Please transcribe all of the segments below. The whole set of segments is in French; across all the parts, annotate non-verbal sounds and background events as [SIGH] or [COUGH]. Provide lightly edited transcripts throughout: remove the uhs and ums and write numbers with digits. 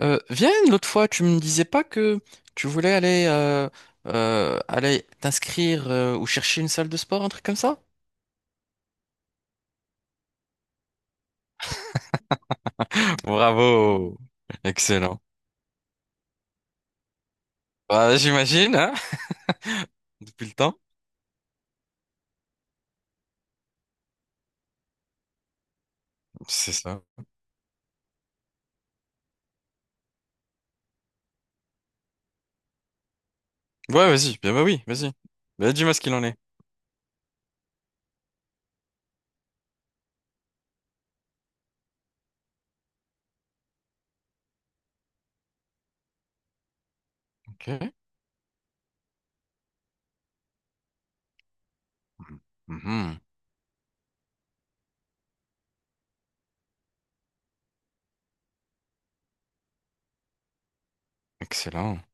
Viens, l'autre fois, tu me disais pas que tu voulais aller, aller t'inscrire ou chercher une salle de sport, un truc comme ça? [LAUGHS] Bravo! Excellent. Bah, j'imagine, hein, [LAUGHS] depuis le temps. C'est ça. Ouais, vas-y. Bien, bah oui, vas-y. Bah, dis-moi ce qu'il en est. Ok. Mhm. Excellent.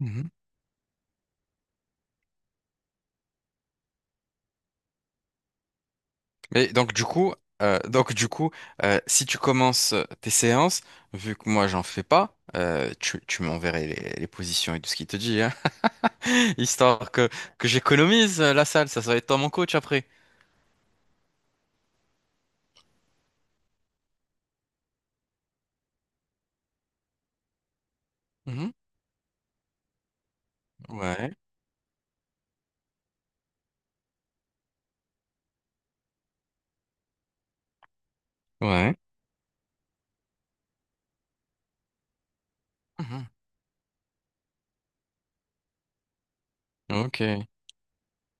Mhm. Mais donc du coup, si tu commences tes séances, vu que moi j'en fais pas, tu m'enverrais les positions et tout ce qu'il te dit, hein. [LAUGHS] Histoire que j'économise la salle, ça va être toi mon coach après. Mhm. Ouais, ouais. Mhm. Ok.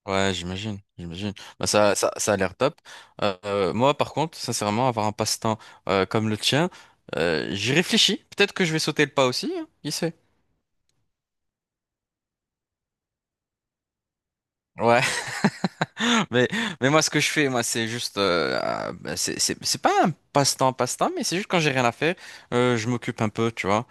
Ouais, j'imagine, j'imagine. Bah, ça a l'air top. Moi, par contre, sincèrement, avoir un passe-temps comme le tien, j'y réfléchis. Peut-être que je vais sauter le pas aussi, hein, qui sait. Ouais. Mais, mais moi, ce que je fais, moi, c'est juste, ah, bah, c'est pas un passe-temps, passe-temps, mais c'est juste quand j'ai rien à faire, je m'occupe un peu, tu vois.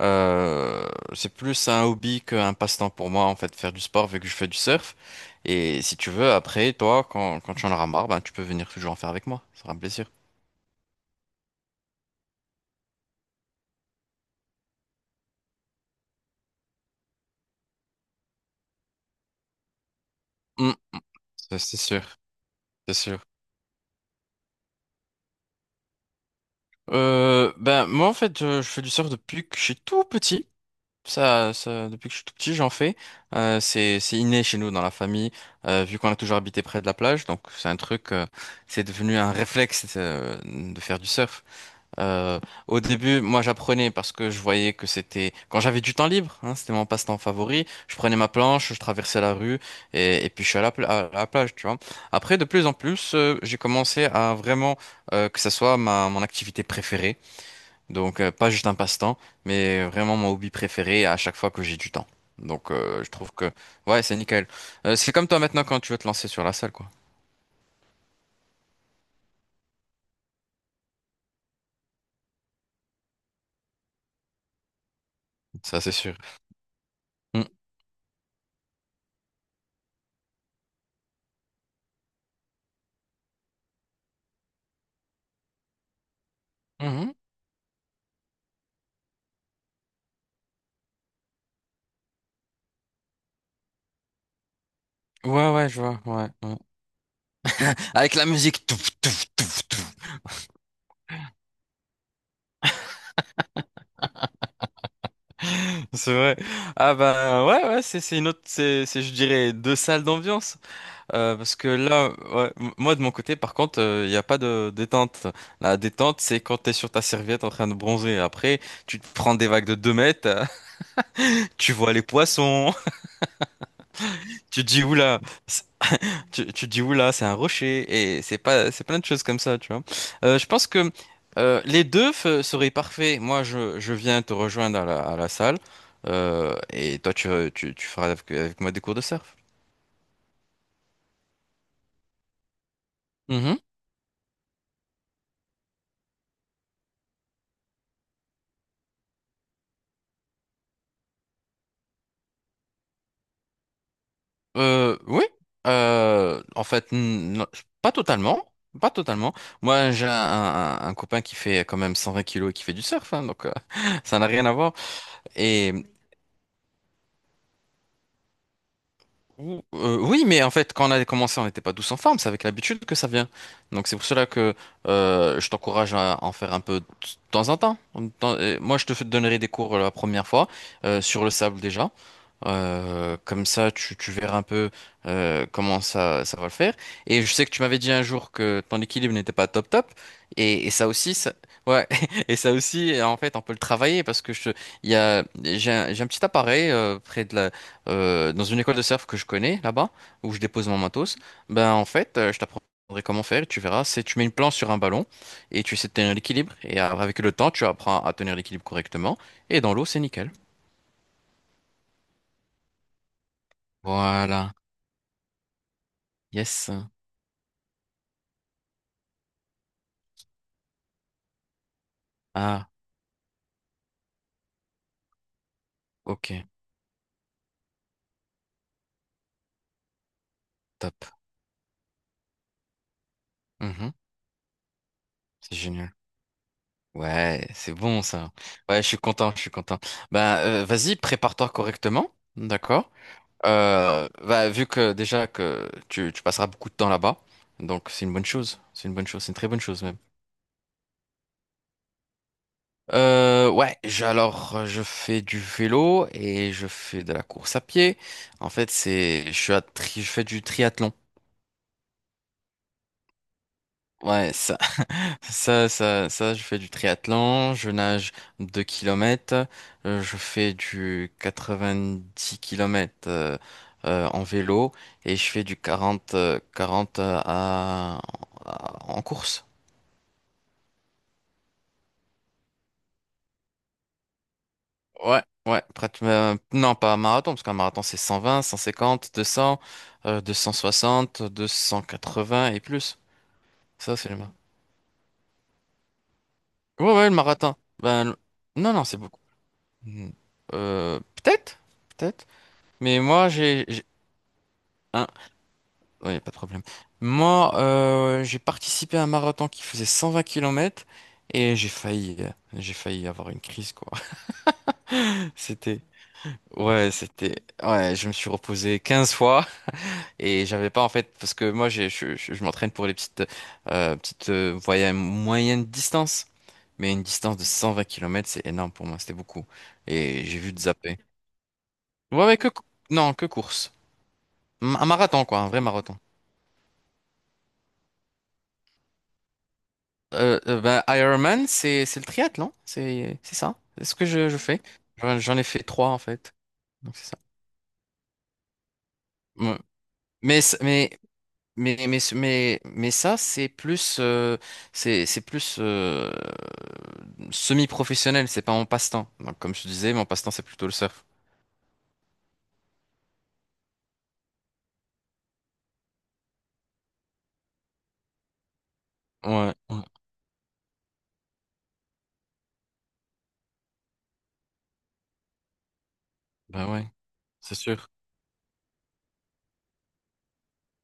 Euh, c'est plus un hobby qu'un passe-temps pour moi, en fait, faire du sport, vu que je fais du surf. Et si tu veux, après, toi, quand tu en auras marre, ben, tu peux venir toujours en faire avec moi. Ça sera un plaisir. Mm. Ça, c'est sûr, c'est sûr. Moi, en fait, je fais du surf depuis que je suis tout petit. Depuis que je suis tout petit, j'en fais. C'est inné chez nous dans la famille, vu qu'on a toujours habité près de la plage. Donc c'est devenu un réflexe de faire du surf. Euh, Au début, moi j'apprenais parce que je voyais que c'était quand j'avais du temps libre, hein, c'était mon passe-temps favori. Je prenais ma planche, je traversais la rue et puis je suis à à la plage, tu vois. Après, de plus en plus, j'ai commencé à vraiment que ça soit ma mon activité préférée. Pas juste un passe-temps, mais vraiment mon hobby préféré à chaque fois que j'ai du temps. Je trouve que ouais, c'est nickel. C'est comme toi maintenant quand tu veux te lancer sur la salle, quoi. Ça c'est sûr. Mm. Mhm. Ouais ouais, je vois, ouais, ouais. Avec la musique touf, touf, touf, touf. [LAUGHS] C'est vrai. Ah bah ouais ouais, c'est une autre c'est je dirais deux salles d'ambiance. Parce que là ouais, moi de mon côté par contre, il n'y a pas de détente. La détente, c'est quand t'es sur ta serviette en train de bronzer. Après, tu te prends des vagues de 2 mètres. Tu vois les poissons, [LAUGHS] tu te dis oula, c'est- tu te dis oula, c'est un rocher, et c'est pas, c'est plein de choses comme ça, tu vois. Je pense que les deux seraient parfaits. Moi, je viens te rejoindre à à la salle, et toi, tu feras avec moi des cours de surf. Mhm. Oui. En fait, non, pas totalement. Pas totalement. Moi, j'ai un copain qui fait quand même 120 kilos et qui fait du surf, hein, [LAUGHS] ça n'a rien à voir. Et oui, mais en fait, quand on a commencé, on n'était pas tous en forme. C'est avec l'habitude que ça vient. Donc c'est pour cela que je t'encourage à en faire un peu de temps en temps. Moi, je te donnerai des cours la première fois sur le sable déjà. Comme ça, tu verras un peu comment ça va le faire. Et je sais que tu m'avais dit un jour que ton équilibre n'était pas top top. Et ça aussi, ça, ouais. [LAUGHS] Et ça aussi, en fait, on peut le travailler parce que je, il y a, j'ai un petit appareil près de la dans une école de surf que je connais là-bas, où je dépose mon matos, ben en fait, je t'apprendrai comment faire et tu verras. C'est tu mets une planche sur un ballon et tu essaies de tenir l'équilibre et avec le temps, tu apprends à tenir l'équilibre correctement et dans l'eau, c'est nickel. Voilà. Yes. Ah, ok. Top. Mhm. C'est génial. Ouais, c'est bon ça. Ouais, je suis content, je suis content. Vas-y, prépare-toi correctement, d'accord? Vu que déjà que tu passeras beaucoup de temps là-bas, donc c'est une bonne chose. C'est une bonne chose, c'est une très bonne chose même. Ouais, je fais du vélo et je fais de la course à pied. En fait, c'est je suis à tri- je fais du triathlon. Ouais, ça, je fais du triathlon, je nage 2 km, je fais du 90 km en vélo et je fais du 40 40 en course. Ouais, ouais, non pas un marathon, parce qu'un marathon c'est 120, 150, 200, 260, 280 et plus. Ça, c'est le marathon. Ouais, ouais, le marathon. Ben, non, non, c'est beaucoup. Hmm. Peut-être, peut-être. Mais moi, j'ai. Un. Ouais, pas de problème. Moi, j'ai participé à un marathon qui faisait 120 km et j'ai failli avoir une crise, quoi. [LAUGHS] C'était, ouais, c'était, ouais, je me suis reposé 15 fois et j'avais pas, en fait, parce que moi, je m'entraîne pour les petites, petites, voyages moyennes distances. Mais une distance de 120 km, c'est énorme pour moi, c'était beaucoup. Et j'ai vu de zapper. Ouais, ouais, non, que course. Un marathon, quoi, un vrai marathon. Ironman, c'est le triathlon, c'est ça. C'est ce que je fais. J'en ai fait trois en fait, donc c'est ça. Ouais. Mais c- mais Ça c'est plus c'est plus semi-professionnel, c'est pas mon passe-temps. Donc comme je te disais, mon passe-temps c'est plutôt le surf. Ouais, ouais, bah ouais, c'est sûr.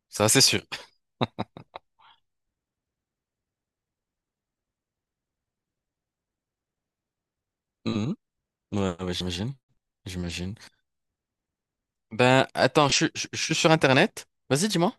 Ça c'est sûr. Mhm. Ouais, ouais, j'imagine, j'imagine. Ben attends, je suis sur Internet. Vas-y, dis-moi.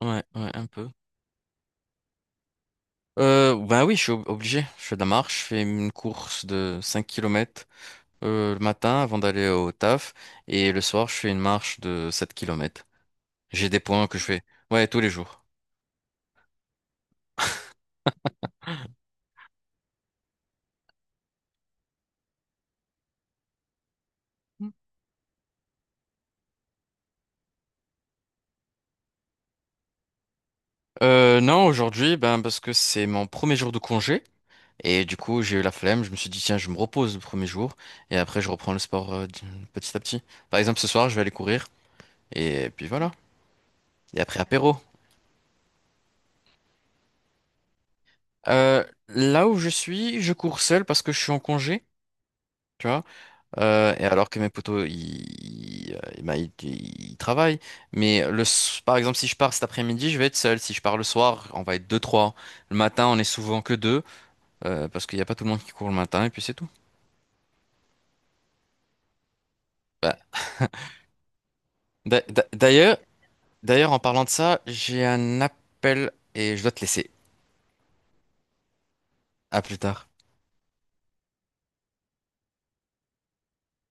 Ouais, ouais, un peu. Ben oui, je suis obligé. Je fais de la marche, je fais une course de 5 km le matin avant d'aller au taf. Et le soir, je fais une marche de 7 km. J'ai des points que je fais. Ouais, tous les jours. Non, aujourd'hui, ben parce que c'est mon premier jour de congé. Et du coup, j'ai eu la flemme. Je me suis dit, tiens, je me repose le premier jour. Et après, je reprends le sport petit à petit. Par exemple, ce soir, je vais aller courir. Et puis voilà. Et après, apéro. Là où je suis, je cours seul parce que je suis en congé. Tu vois. Et alors que mes potos, ils travaillent. Mais par exemple, si je pars cet après-midi, je vais être seul. Si je pars le soir, on va être deux, trois. Le matin, on est souvent que deux, parce qu'il n'y a pas tout le monde qui court le matin, et puis c'est tout. Bah, d'a- d'a- d'ailleurs, d'ailleurs, en parlant de ça, j'ai un appel et je dois te laisser. À plus tard.